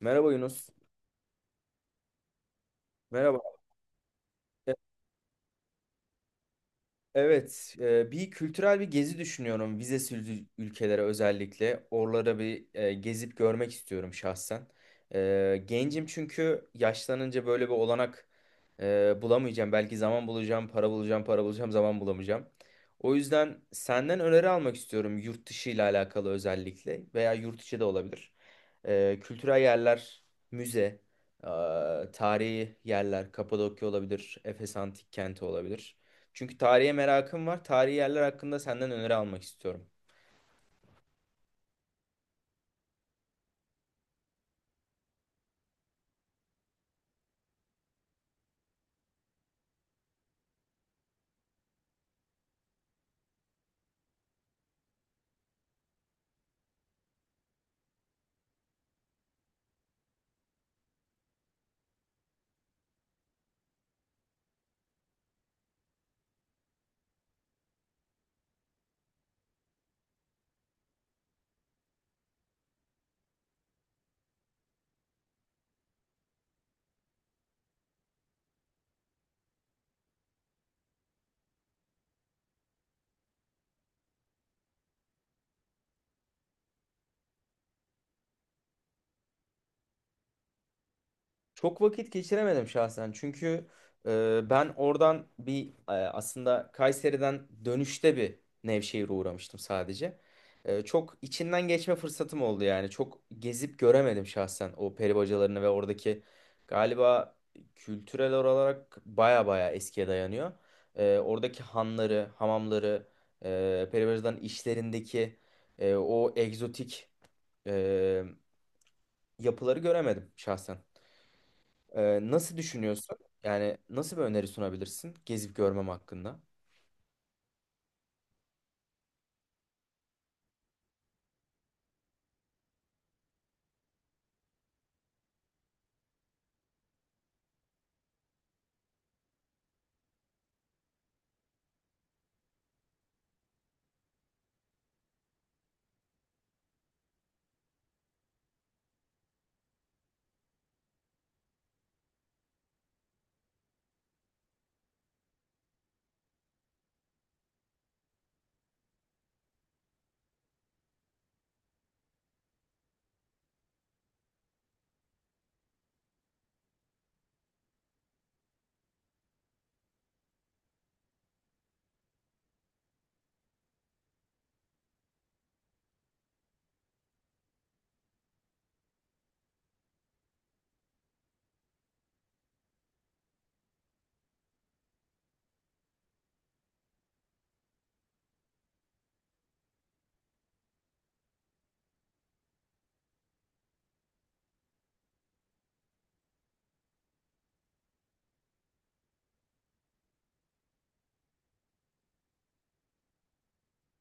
Merhaba Yunus. Merhaba. E- Bir kültürel bir gezi düşünüyorum vizesiz ülkelere özellikle. Oralara gezip görmek istiyorum şahsen. Gencim, çünkü yaşlanınca böyle bir olanak bulamayacağım. Belki zaman bulacağım, para bulacağım, para bulacağım, zaman bulamayacağım. O yüzden senden öneri almak istiyorum yurt dışı ile alakalı, özellikle veya yurt içi de olabilir. Kültürel yerler, müze, e, tarihi yerler, Kapadokya olabilir, Efes Antik Kenti olabilir. Çünkü tarihe merakım var. Tarihi yerler hakkında senden öneri almak istiyorum. Çok vakit geçiremedim şahsen. Çünkü ben oradan aslında Kayseri'den dönüşte bir Nevşehir'e uğramıştım sadece. Çok içinden geçme fırsatım oldu yani. Çok gezip göremedim şahsen o peri bacalarını ve oradaki galiba kültürel olarak baya baya eskiye dayanıyor. Oradaki hanları, hamamları, peri bacaların işlerindeki o egzotik e, yapıları göremedim şahsen. Nasıl düşünüyorsun? Yani nasıl bir öneri sunabilirsin gezip görmem hakkında?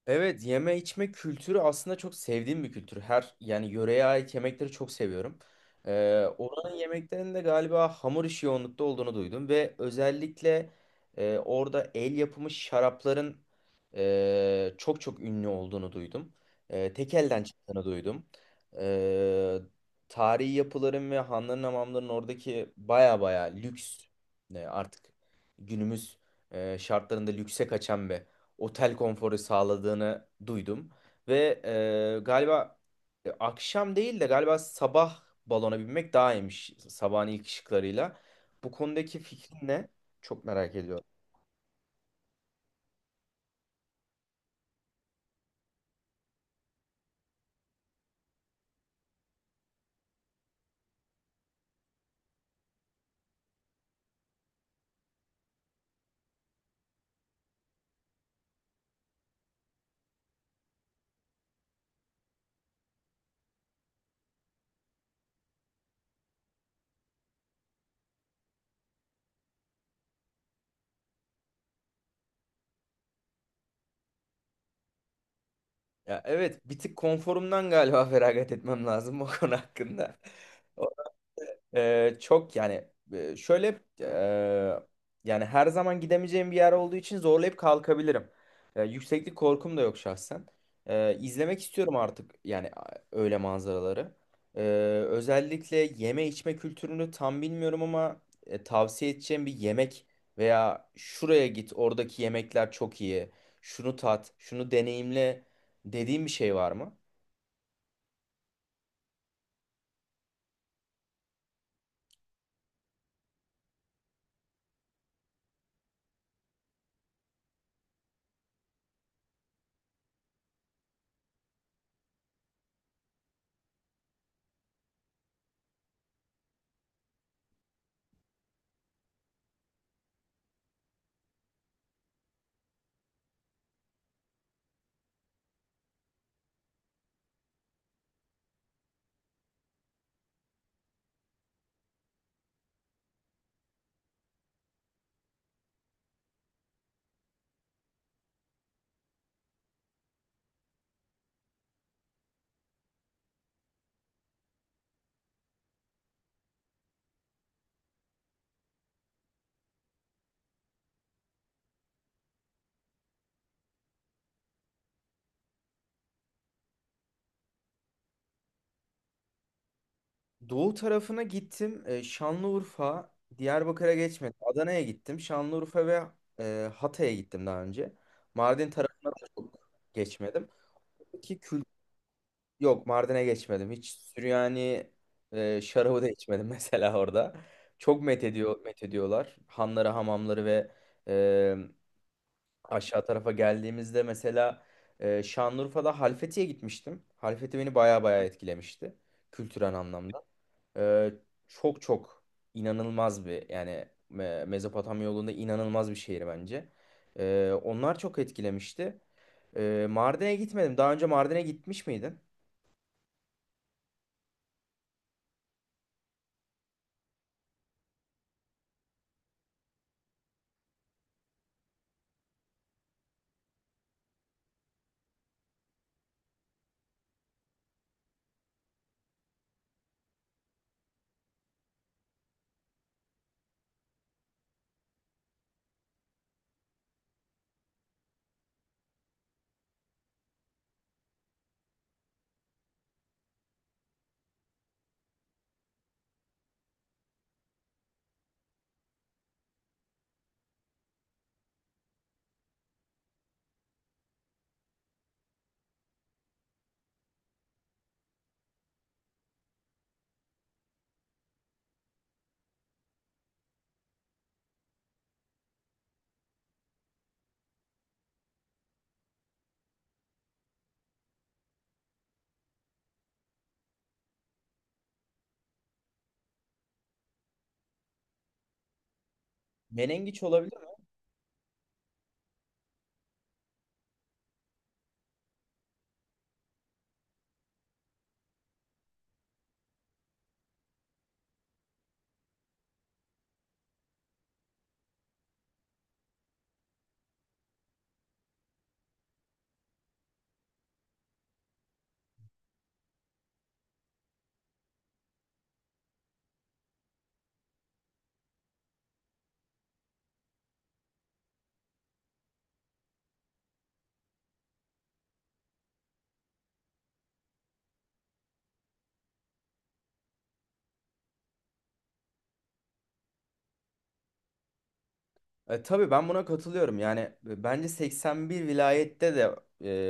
Evet, yeme içme kültürü aslında çok sevdiğim bir kültür. Her yani yöreye ait yemekleri çok seviyorum. Oranın yemeklerinde galiba hamur işi yoğunlukta olduğunu duydum ve özellikle orada el yapımı şarapların çok çok ünlü olduğunu duydum. Tek elden çıktığını duydum. E, Tarihi yapıların ve hanların, hamamların oradaki baya baya lüks, artık günümüz şartlarında lükse kaçan bir otel konforu sağladığını duydum. Ve galiba, akşam değil de galiba sabah balona binmek daha iyiymiş, sabahın ilk ışıklarıyla. Bu konudaki fikrin ne? Çok merak ediyorum. Ya evet, bir tık konforumdan galiba feragat etmem lazım bu konu hakkında. Çok yani, e, şöyle e, yani her zaman gidemeyeceğim bir yer olduğu için zorlayıp kalkabilirim. Yükseklik korkum da yok şahsen. İzlemek istiyorum artık yani öyle manzaraları. E, Özellikle yeme içme kültürünü tam bilmiyorum ama tavsiye edeceğim bir yemek veya şuraya git, oradaki yemekler çok iyi. Şunu tat, şunu deneyimle dediğim bir şey var mı? Doğu tarafına gittim. Şanlıurfa, Diyarbakır'a geçmedim. Adana'ya gittim. Şanlıurfa ve Hatay'a gittim daha önce. Mardin tarafına da çok geçmedim. Ki kül Yok, Mardin'e geçmedim. Hiç Süryani şarabı da içmedim mesela orada. Çok methediyor, methediyorlar. Hanları, hamamları ve e, aşağı tarafa geldiğimizde mesela Şanlıurfa'da Halfeti'ye gitmiştim. Halfeti beni baya baya etkilemişti kültürel anlamda. Ee, Çok çok inanılmaz bir yani Mezopotamya yolunda inanılmaz bir şehir bence. Onlar çok etkilemişti. Mardin'e gitmedim. Daha önce Mardin'e gitmiş miydin? Menengiç olabilir. Tabii ben buna katılıyorum. Yani bence 81 vilayette de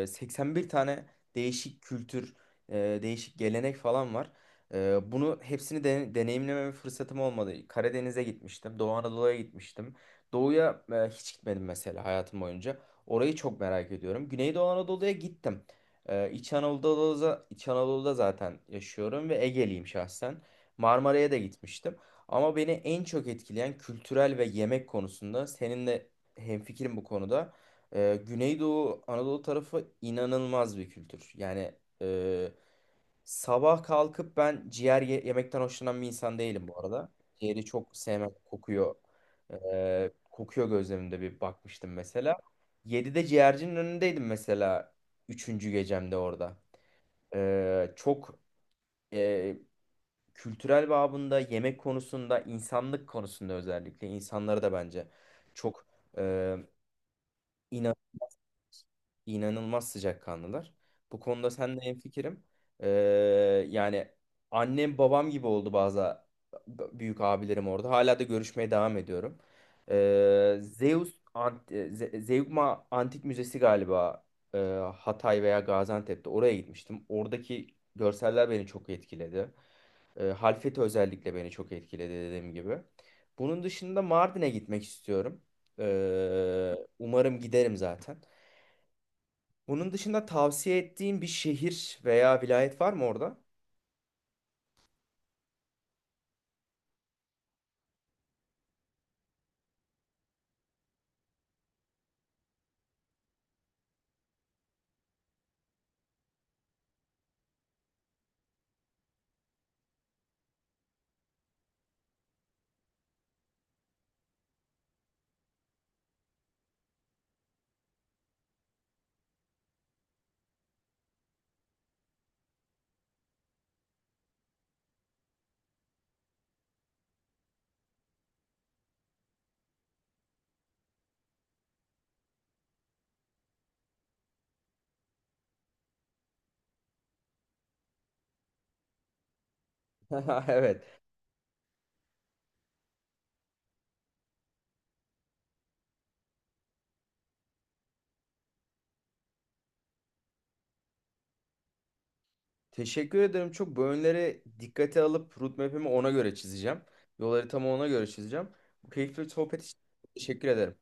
81 tane değişik kültür, değişik gelenek falan var. Bunu hepsini de deneyimleme fırsatım olmadı. Karadeniz'e gitmiştim, Doğu Anadolu'ya gitmiştim. Doğu'ya hiç gitmedim mesela hayatım boyunca. Orayı çok merak ediyorum. Güneydoğu Anadolu'ya gittim. İç Anadolu'da, İç Anadolu'da zaten yaşıyorum ve Ege'liyim şahsen. Marmara'ya da gitmiştim. Ama beni en çok etkileyen kültürel ve yemek konusunda seninle hemfikirim bu konuda. Güneydoğu Anadolu tarafı inanılmaz bir kültür. Yani e, sabah kalkıp, ben ciğer yemekten hoşlanan bir insan değilim bu arada. Ciğeri çok sevmem, kokuyor. Kokuyor, gözlerimde bir bakmıştım mesela. 7'de ciğercinin önündeydim mesela, üçüncü gecemde orada. Çok e, kültürel babında, yemek konusunda, insanlık konusunda, özellikle insanları da bence çok, e, inan inanılmaz sıcakkanlılar. Bu konuda sen de hemfikirim. E, Yani annem babam gibi oldu bazı büyük abilerim orada. Hala da görüşmeye devam ediyorum. E, Zeus Ant e, Ze- Zeugma Antik Müzesi galiba e, Hatay veya Gaziantep'te, oraya gitmiştim. Oradaki görseller beni çok etkiledi. Halfeti özellikle beni çok etkiledi dediğim gibi. Bunun dışında Mardin'e gitmek istiyorum. Umarım giderim zaten. Bunun dışında tavsiye ettiğin bir şehir veya vilayet var mı orada? Evet. Teşekkür ederim. Çok bu önleri dikkate alıp roadmap'imi ona göre çizeceğim. Yol haritamı ona göre çizeceğim. Bu keyifli sohbet için teşekkür ederim.